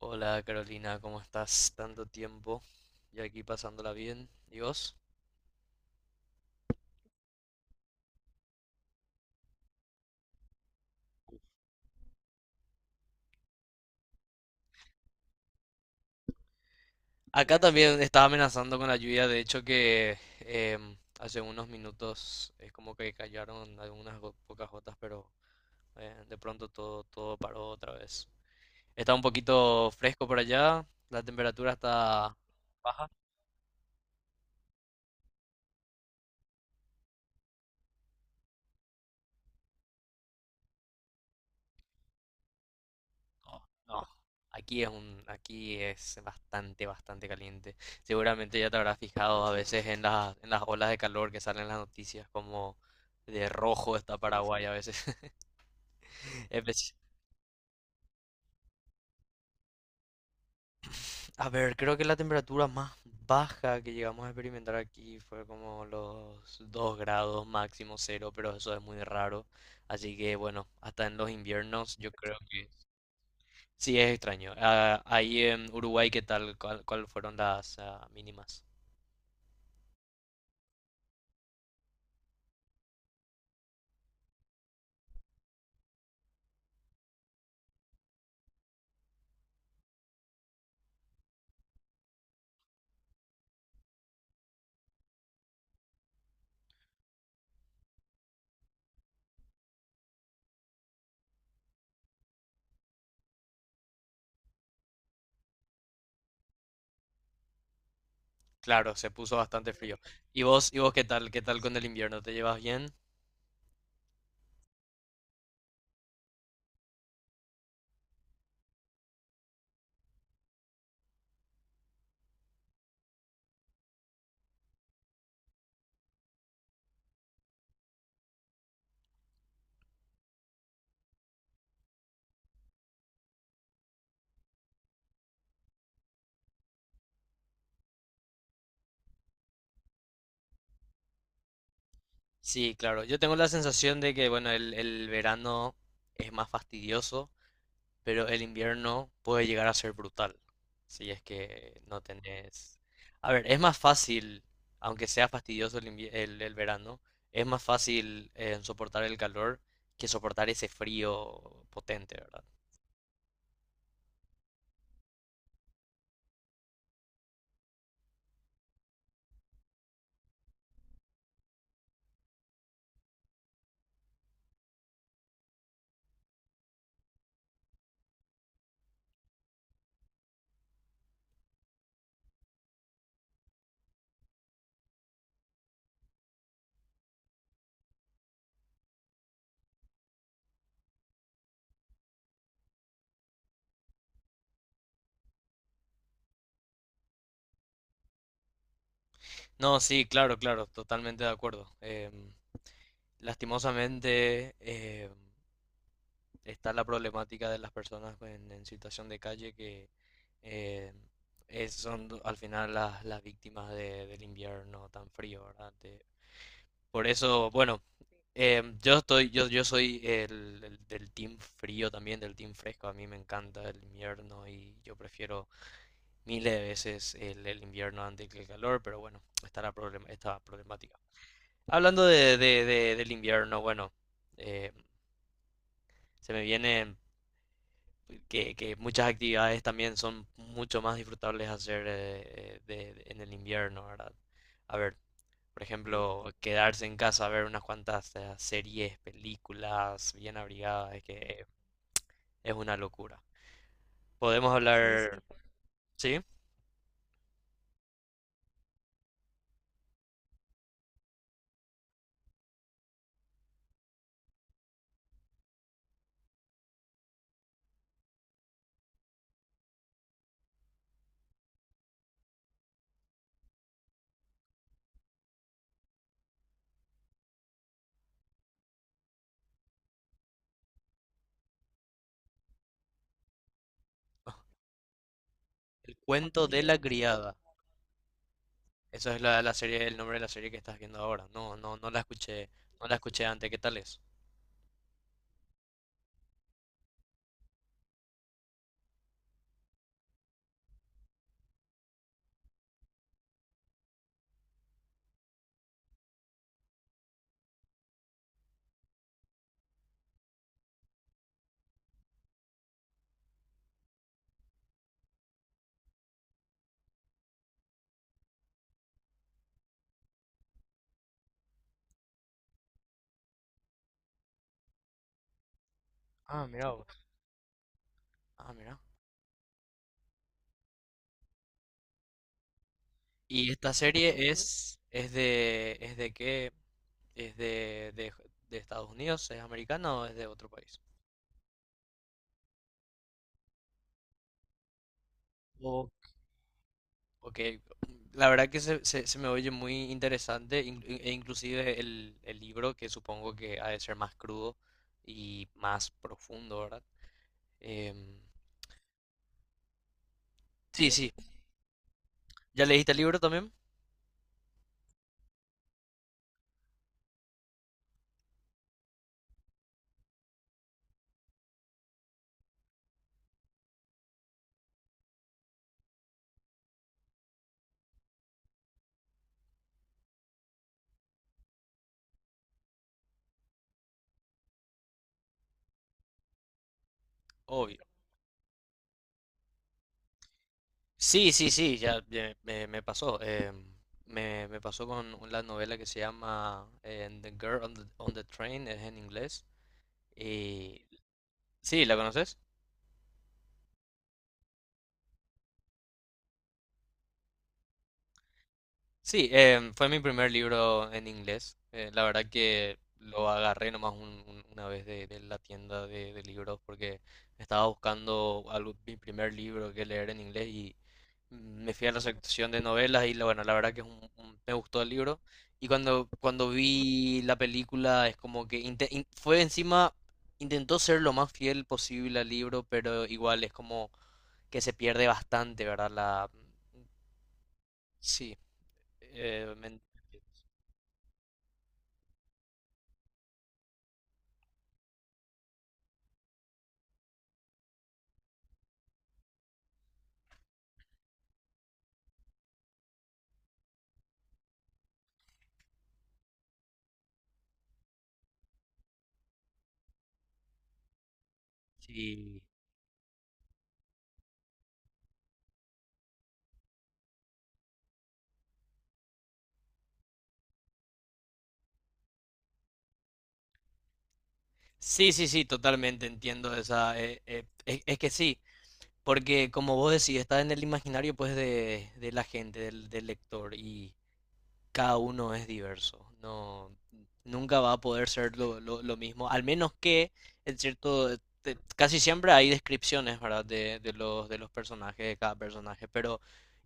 Hola Carolina, ¿cómo estás? Tanto tiempo. Yo aquí pasándola bien. ¿Y vos? Acá también estaba amenazando con la lluvia, de hecho que hace unos minutos es como que cayeron algunas pocas gotas, pero de pronto todo paró otra vez. Está un poquito fresco por allá, la temperatura está baja. No, no. Aquí es aquí es bastante caliente. Seguramente ya te habrás fijado a veces en en las olas de calor que salen en las noticias, como de rojo está Paraguay a veces. Espe- A ver, creo que la temperatura más baja que llegamos a experimentar aquí fue como los 2 grados máximo cero, pero eso es muy raro. Así que bueno, hasta en los inviernos yo creo que sí es extraño. Ah, ahí en Uruguay, ¿qué tal? Cuál fueron las mínimas? Claro, se puso bastante frío. ¿Y y vos qué tal? ¿Qué tal con el invierno? ¿Te llevas bien? Sí, claro. Yo tengo la sensación de que, bueno, el verano es más fastidioso, pero el invierno puede llegar a ser brutal. Si es que no tenés... A ver, es más fácil, aunque sea fastidioso el verano, es más fácil soportar el calor que soportar ese frío potente, ¿verdad? No, sí, claro, claro, totalmente de acuerdo. Em, lastimosamente, em, está la problemática de las personas en situación de calle que eh, son al final las víctimas del invierno tan frío, ¿verdad? De- por eso, bueno, em, yo estoy, yo soy el del team frío también, del team fresco. A mí me encanta el invierno y yo prefiero miles de veces el invierno antes que el calor, pero bueno, está la esta problemática. Hablando de, del invierno, bueno, eh, se me viene que muchas actividades también son mucho más disfrutables hacer en el invierno, ¿verdad? A ver, por ejemplo, quedarse en casa a ver unas cuantas series, películas bien abrigadas, es que es una locura. Podemos Sí, hablar, sí. hablar, ¿sí? El cuento de la criada. Eso es la serie, el nombre de la serie que estás viendo ahora. No, no, no la escuché, no la escuché antes. ¿Qué tal es? Ah, mira. Vos. Ah, mira. Y esta serie es de qué, es de Estados Unidos, es americana o es de otro país. O- ok, la verdad que se me oye muy interesante e inclusive el libro que supongo que ha de ser más crudo y más profundo, ¿verdad? Em, sí, sí, ¿ya leíste el libro también? Sí, sí, sí, ya me pasó. Me pasó con la novela que se llama The Girl on on the Train, es en inglés. Y sí, ¿la conoces? Sí, em, fue mi primer libro en inglés. La verdad que lo agarré nomás una vez de la tienda de libros porque estaba buscando algo, mi primer libro que leer en inglés y me fui a la sección de novelas y la- bueno, la verdad que es me gustó el libro. Y cuando vi la película es como que fue encima, intentó ser lo más fiel posible al libro, pero igual es como que se pierde bastante, ¿verdad? La, sí, me- Sí, sí, sí, sí, totalmente entiendo esa. Es que sí, porque como vos decís, está en el imaginario pues de la gente, del lector. Y cada uno es diverso. No, nunca va a poder ser lo mismo, al menos que, en cierto, te- casi siempre hay descripciones, ¿verdad? De de los personajes, de cada personaje, pero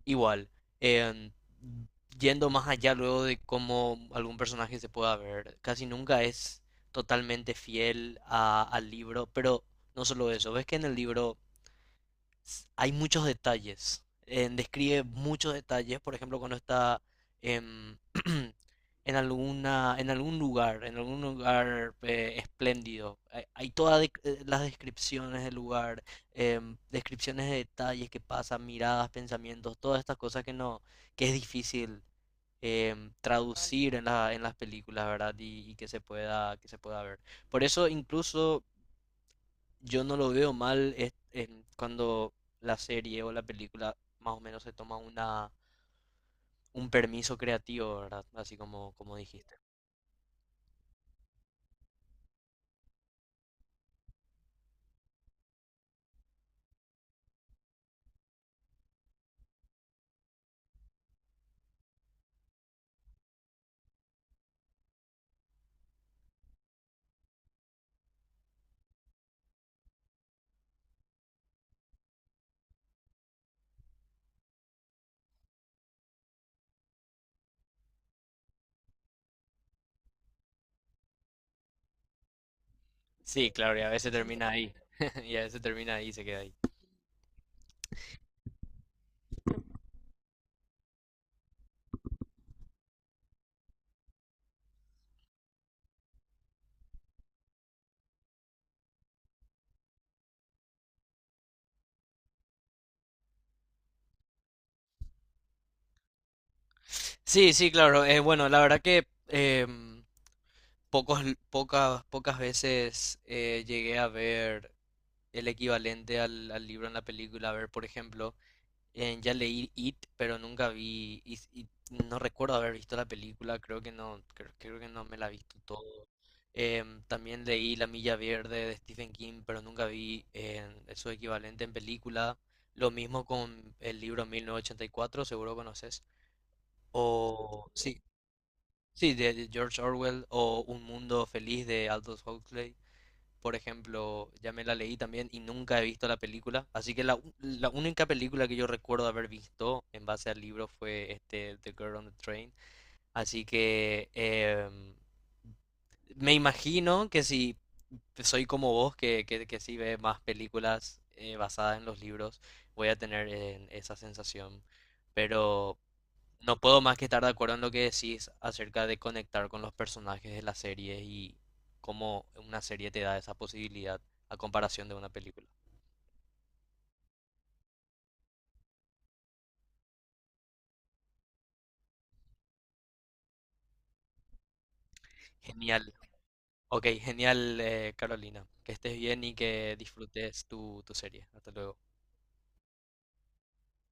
igual, em, yendo más allá luego de cómo algún personaje se pueda ver, casi nunca es totalmente fiel al libro, pero no solo eso, ves que en el libro s- hay muchos detalles. Describe muchos detalles, por ejemplo, cuando está em, en alguna, en algún lugar espléndido. Hay todas de- las descripciones del lugar, em, descripciones de detalles que pasan, miradas, pensamientos, todas estas cosas que no, que es difícil em, traducir en en las películas, ¿verdad? Y que se pueda ver. Por eso incluso yo no lo veo mal es- en cuando la serie o la película más o menos se toma un permiso creativo, ¿verdad? Así como, como dijiste. Sí, claro, y a veces termina ahí. Y a veces termina ahí y se queda ahí. Sí, sí, claro. Bueno, la verdad que em, pocos, pocas veces llegué a ver el equivalente al libro en la película. A ver, por ejemplo, eh, ya leí It, pero nunca vi Is- It, no recuerdo haber visto la película, creo que no, creo que no me la he visto todo. Em, también leí La Milla Verde de Stephen King, pero nunca vi su equivalente en película. Lo mismo con el libro 1984, seguro conoces. O sí, sí, de George Orwell o Un Mundo Feliz de Aldous Huxley. Por ejemplo, ya me la leí también y nunca he visto la película. Así que la, u- la única película que yo recuerdo haber visto en base al libro fue este The Girl on the Train. Así que em, me imagino que si soy como vos, que sí ve más películas basadas en los libros, voy a tener esa sensación. Pero, no puedo más que estar de acuerdo en lo que decís acerca de conectar con los personajes de la serie y cómo una serie te da esa posibilidad a comparación de una película. Genial. Ok, genial, Carolina. Que estés bien y que disfrutes tu serie. Hasta luego.